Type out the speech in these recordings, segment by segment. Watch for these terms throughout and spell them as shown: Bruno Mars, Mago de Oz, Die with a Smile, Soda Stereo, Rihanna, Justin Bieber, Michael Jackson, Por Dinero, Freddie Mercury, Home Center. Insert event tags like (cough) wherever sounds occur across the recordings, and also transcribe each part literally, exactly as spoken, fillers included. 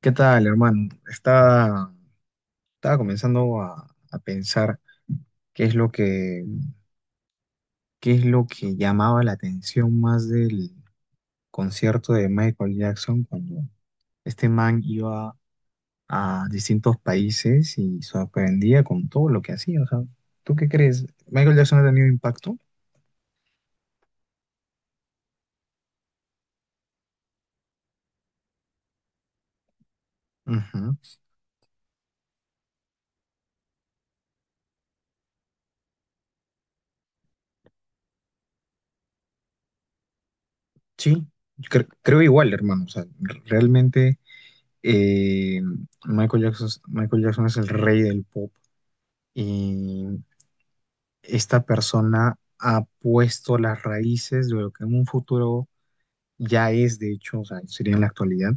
¿Qué tal, hermano? Estaba, estaba comenzando a, a pensar qué es lo que, qué es lo que llamaba la atención más del concierto de Michael Jackson cuando este man iba a distintos países y sorprendía con todo lo que hacía. O sea, ¿tú qué crees? ¿Michael Jackson ha tenido impacto? Ujú. Sí, cre- creo igual, hermano. O sea, r- realmente eh, Michael Jackson, Michael Jackson es el rey del pop. Y esta persona ha puesto las raíces de lo que en un futuro ya es, de hecho, o sea, sería en la actualidad,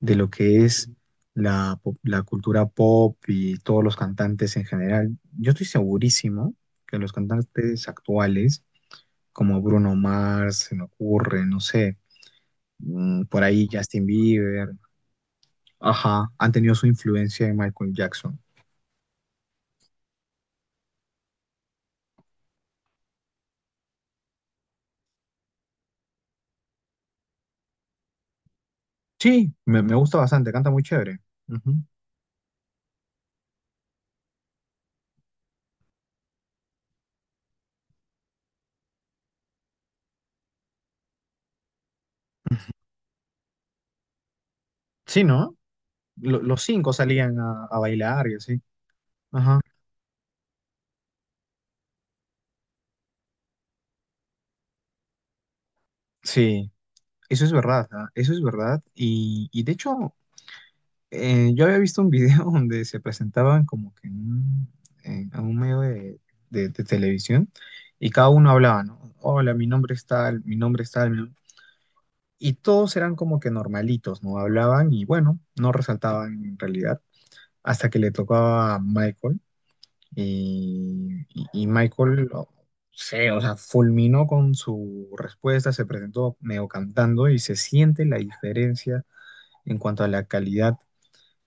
de lo que es la, pop- la cultura pop y todos los cantantes en general. Yo estoy segurísimo que los cantantes actuales, como Bruno Mars, se me ocurre, no sé, mm, por ahí Justin Bieber, ajá, han tenido su influencia en Michael Jackson. Sí, me, me gusta bastante, canta muy chévere. Ujú. Sí, ¿no? lo- los cinco salían a, a bailar y así. Ajá. Sí, eso es verdad, ¿ah? Eso es verdad. Y, y de hecho, eh, yo había visto un video (laughs) donde se presentaban como que en un, en- a un medio de, de- de televisión y cada uno hablaba, ¿no? Hola, mi nombre es tal, mi nombre es tal. Mi nom-". Y todos eran como que normalitos, ¿no? Hablaban y bueno, no resaltaban en realidad hasta que le tocaba a Michael. Y, y- y Michael, no sé, o sea, fulminó con su respuesta, se presentó medio cantando y se siente la diferencia en cuanto a la calidad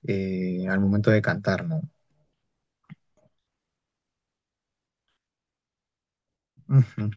eh, al momento de cantar, ¿no? Ujú,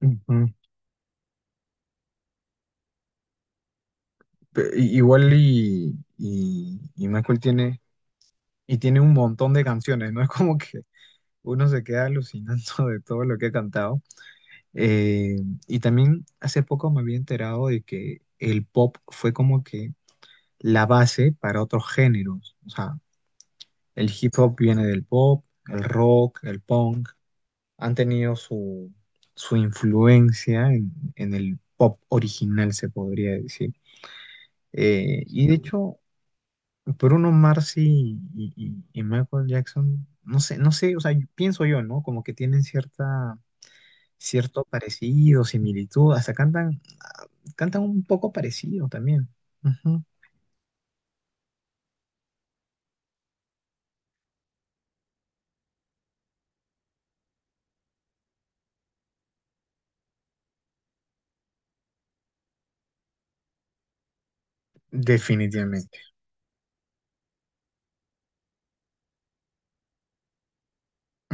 ujú. Pe- i- Igual y, y, y Michael tiene, y tiene un montón de canciones, ¿no? (laughs) Es como que uno se queda alucinando de todo lo que ha cantado. Eh, y también hace poco me había enterado de que el pop fue como que la base para otros géneros. O sea, el hip hop viene del pop, el rock, el punk, han tenido su, su influencia en, en el pop original, se podría decir. Eh, y de hecho, Bruno Mars y, y- y- y Michael Jackson, no sé, no sé, o sea, yo- pienso yo, ¿no? Como que tienen cierta, cierto parecido, similitud, hasta cantan, ah, cantan un poco parecido también. Ujú. Definitivamente.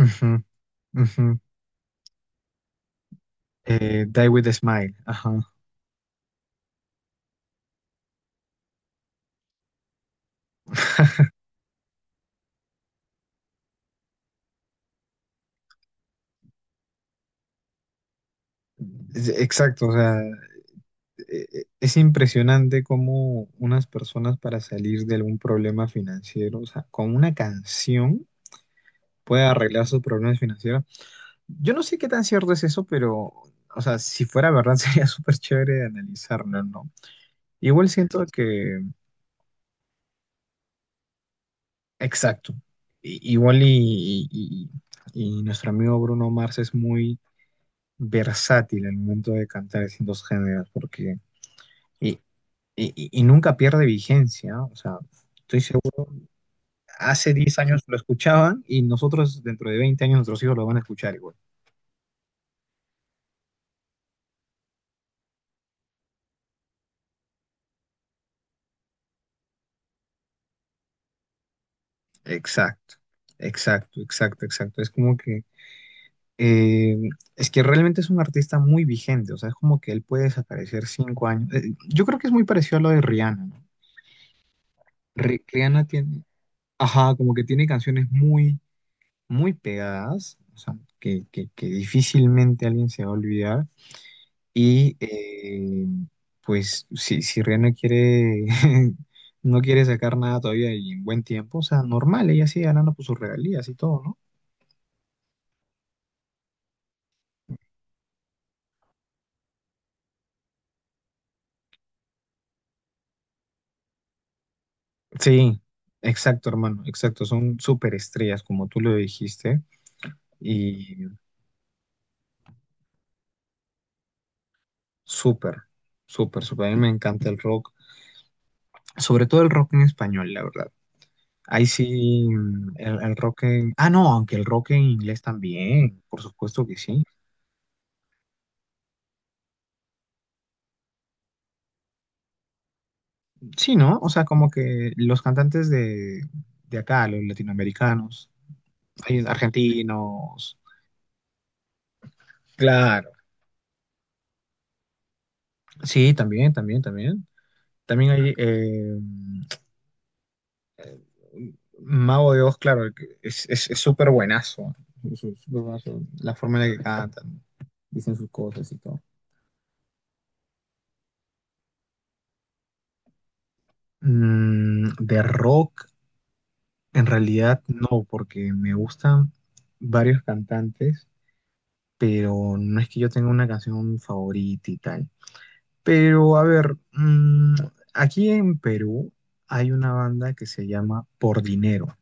Ujú, ujú. Eh, Die with a Smile, ajá. Es- Exacto, o sea, e- e- es impresionante cómo unas personas para salir de algún problema financiero, o sea, con una canción puede arreglar sus problemas financieros. Yo no sé qué tan cierto es eso, pero, o sea, si fuera verdad (laughs) sería súper chévere de analizarlo, ¿no? Igual siento que, exacto, I- igual y, y- y- y nuestro amigo Bruno Mars es muy versátil al momento de cantar distintos géneros, porque... Y y, y- y nunca pierde vigencia, ¿no? O sea, estoy seguro, hace diez años lo escuchaban y nosotros dentro de veinte años nuestros hijos lo van a escuchar igual. Exacto, exacto, exacto, exacto. Es como que, eh, es que realmente es un artista muy vigente, o sea, es como que él puede desaparecer cinco años. Eh, yo creo que es muy parecido a lo de Rihanna, ¿no? Ri- Rihanna tiene, ajá, como que tiene canciones muy, muy pegadas, o sea, que, que que difícilmente alguien se va a olvidar. Y eh, pues si, si Ria no quiere, (laughs) no quiere sacar nada todavía y en buen tiempo, o sea, normal, ella sigue ganando por sus regalías y todo, ¿no? Sí, exacto, hermano, exacto. Son súper estrellas, como tú lo dijiste, y súper, súper, súper. A mí me encanta el rock, sobre todo el rock en español, la verdad. Ahí sí, mm, el, el rock en... Ah, no, aunque el rock en inglés también, por supuesto que sí. Sí, ¿no? O sea, como que los cantantes de, de acá, los latinoamericanos, hay argentinos. Claro. Sí, también, también, también. También hay eh, Mago de Oz, claro, que es, es, es súper buenazo. Es súper buenazo. La forma en la que cantan, dicen sus cosas y todo. Mm, de rock, en realidad no, porque me gustan varios cantantes, pero no es que yo tenga una canción favorita y tal. Pero a ver, mm, aquí en Perú hay una banda que se llama Por Dinero,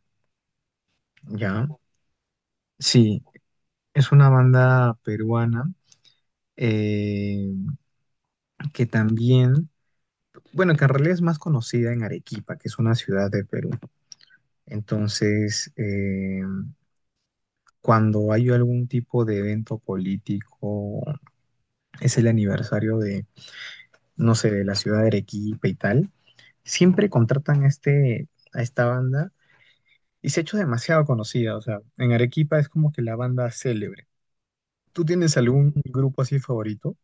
¿ya? Sí, es una banda peruana eh, que también, bueno, que en realidad es más conocida en Arequipa, que es una ciudad de Perú. Entonces, eh, cuando hay algún tipo de evento político, es el aniversario de, no sé, de la ciudad de Arequipa y tal, siempre contratan a este, a esta banda. Y se ha hecho demasiado conocida, o sea, en Arequipa es como que la banda célebre. ¿Tú tienes algún grupo así favorito?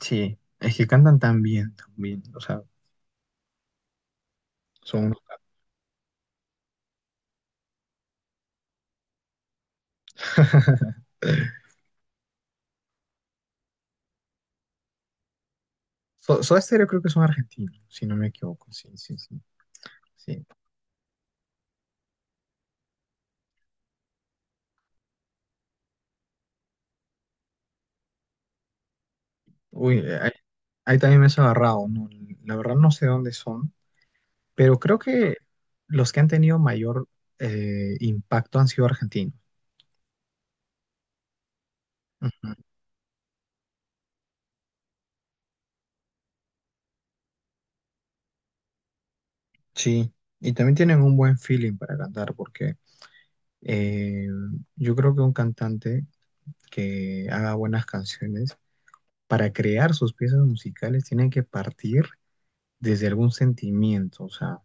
Sí, es que cantan tan bien, tan bien, o sea, son unos capos. (laughs) So- Soda Stereo creo que son argentinos, si no me equivoco, sí, sí, sí, sí. Uy, eh, ahí, ahí también me has agarrado, ¿no? La verdad no sé dónde son, pero creo que los que han tenido mayor eh, impacto han sido argentinos. Ujú. Sí, y también tienen un buen feeling para cantar, porque Eh, yo creo que un cantante que haga buenas canciones, para crear sus piezas musicales, tiene que partir desde algún sentimiento, o sea,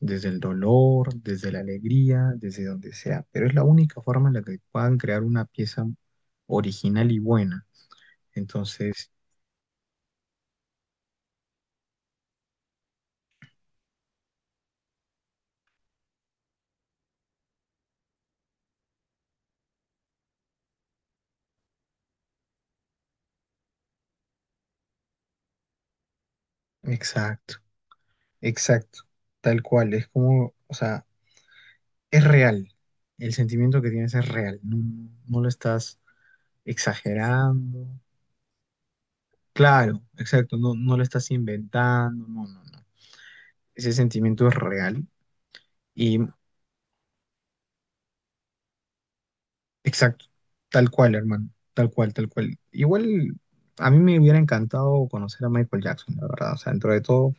desde el dolor, desde la alegría, desde donde sea. Pero es la única forma en la que puedan crear una pieza original y buena. Entonces, exacto, exacto, tal cual, es como, o sea, es real. El sentimiento que tienes es real, no, no lo estás exagerando. Claro, exacto, no, no lo estás inventando, no, no, no. Ese sentimiento es real y exacto, tal cual, hermano, tal cual, tal cual. Igual a mí me hubiera encantado conocer a Michael Jackson, la verdad, o sea, dentro de todo,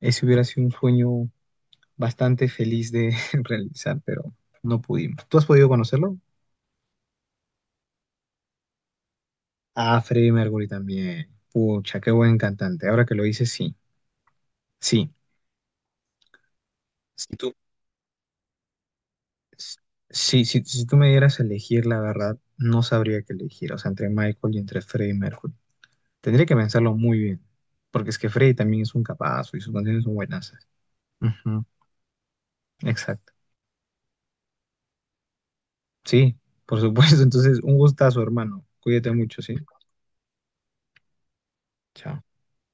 ese hubiera sido un sueño bastante feliz de (laughs) realizar, pero no pudimos. ¿Tú has podido conocerlo? Ah, Freddie Mercury también. Pucha, qué buen cantante. Ahora que lo dices, sí, sí. Sí, si, si si tú me dieras a elegir, la verdad, no sabría qué elegir, o sea, entre Michael y entre Freddie Mercury. Tendría que pensarlo muy bien, porque es que Freddie también es un capazo y sus canciones son buenas. Ujú, exacto. Sí, por supuesto. (laughs) Entonces, un gustazo, hermano. Cuídate mucho, ¿sí? Chao.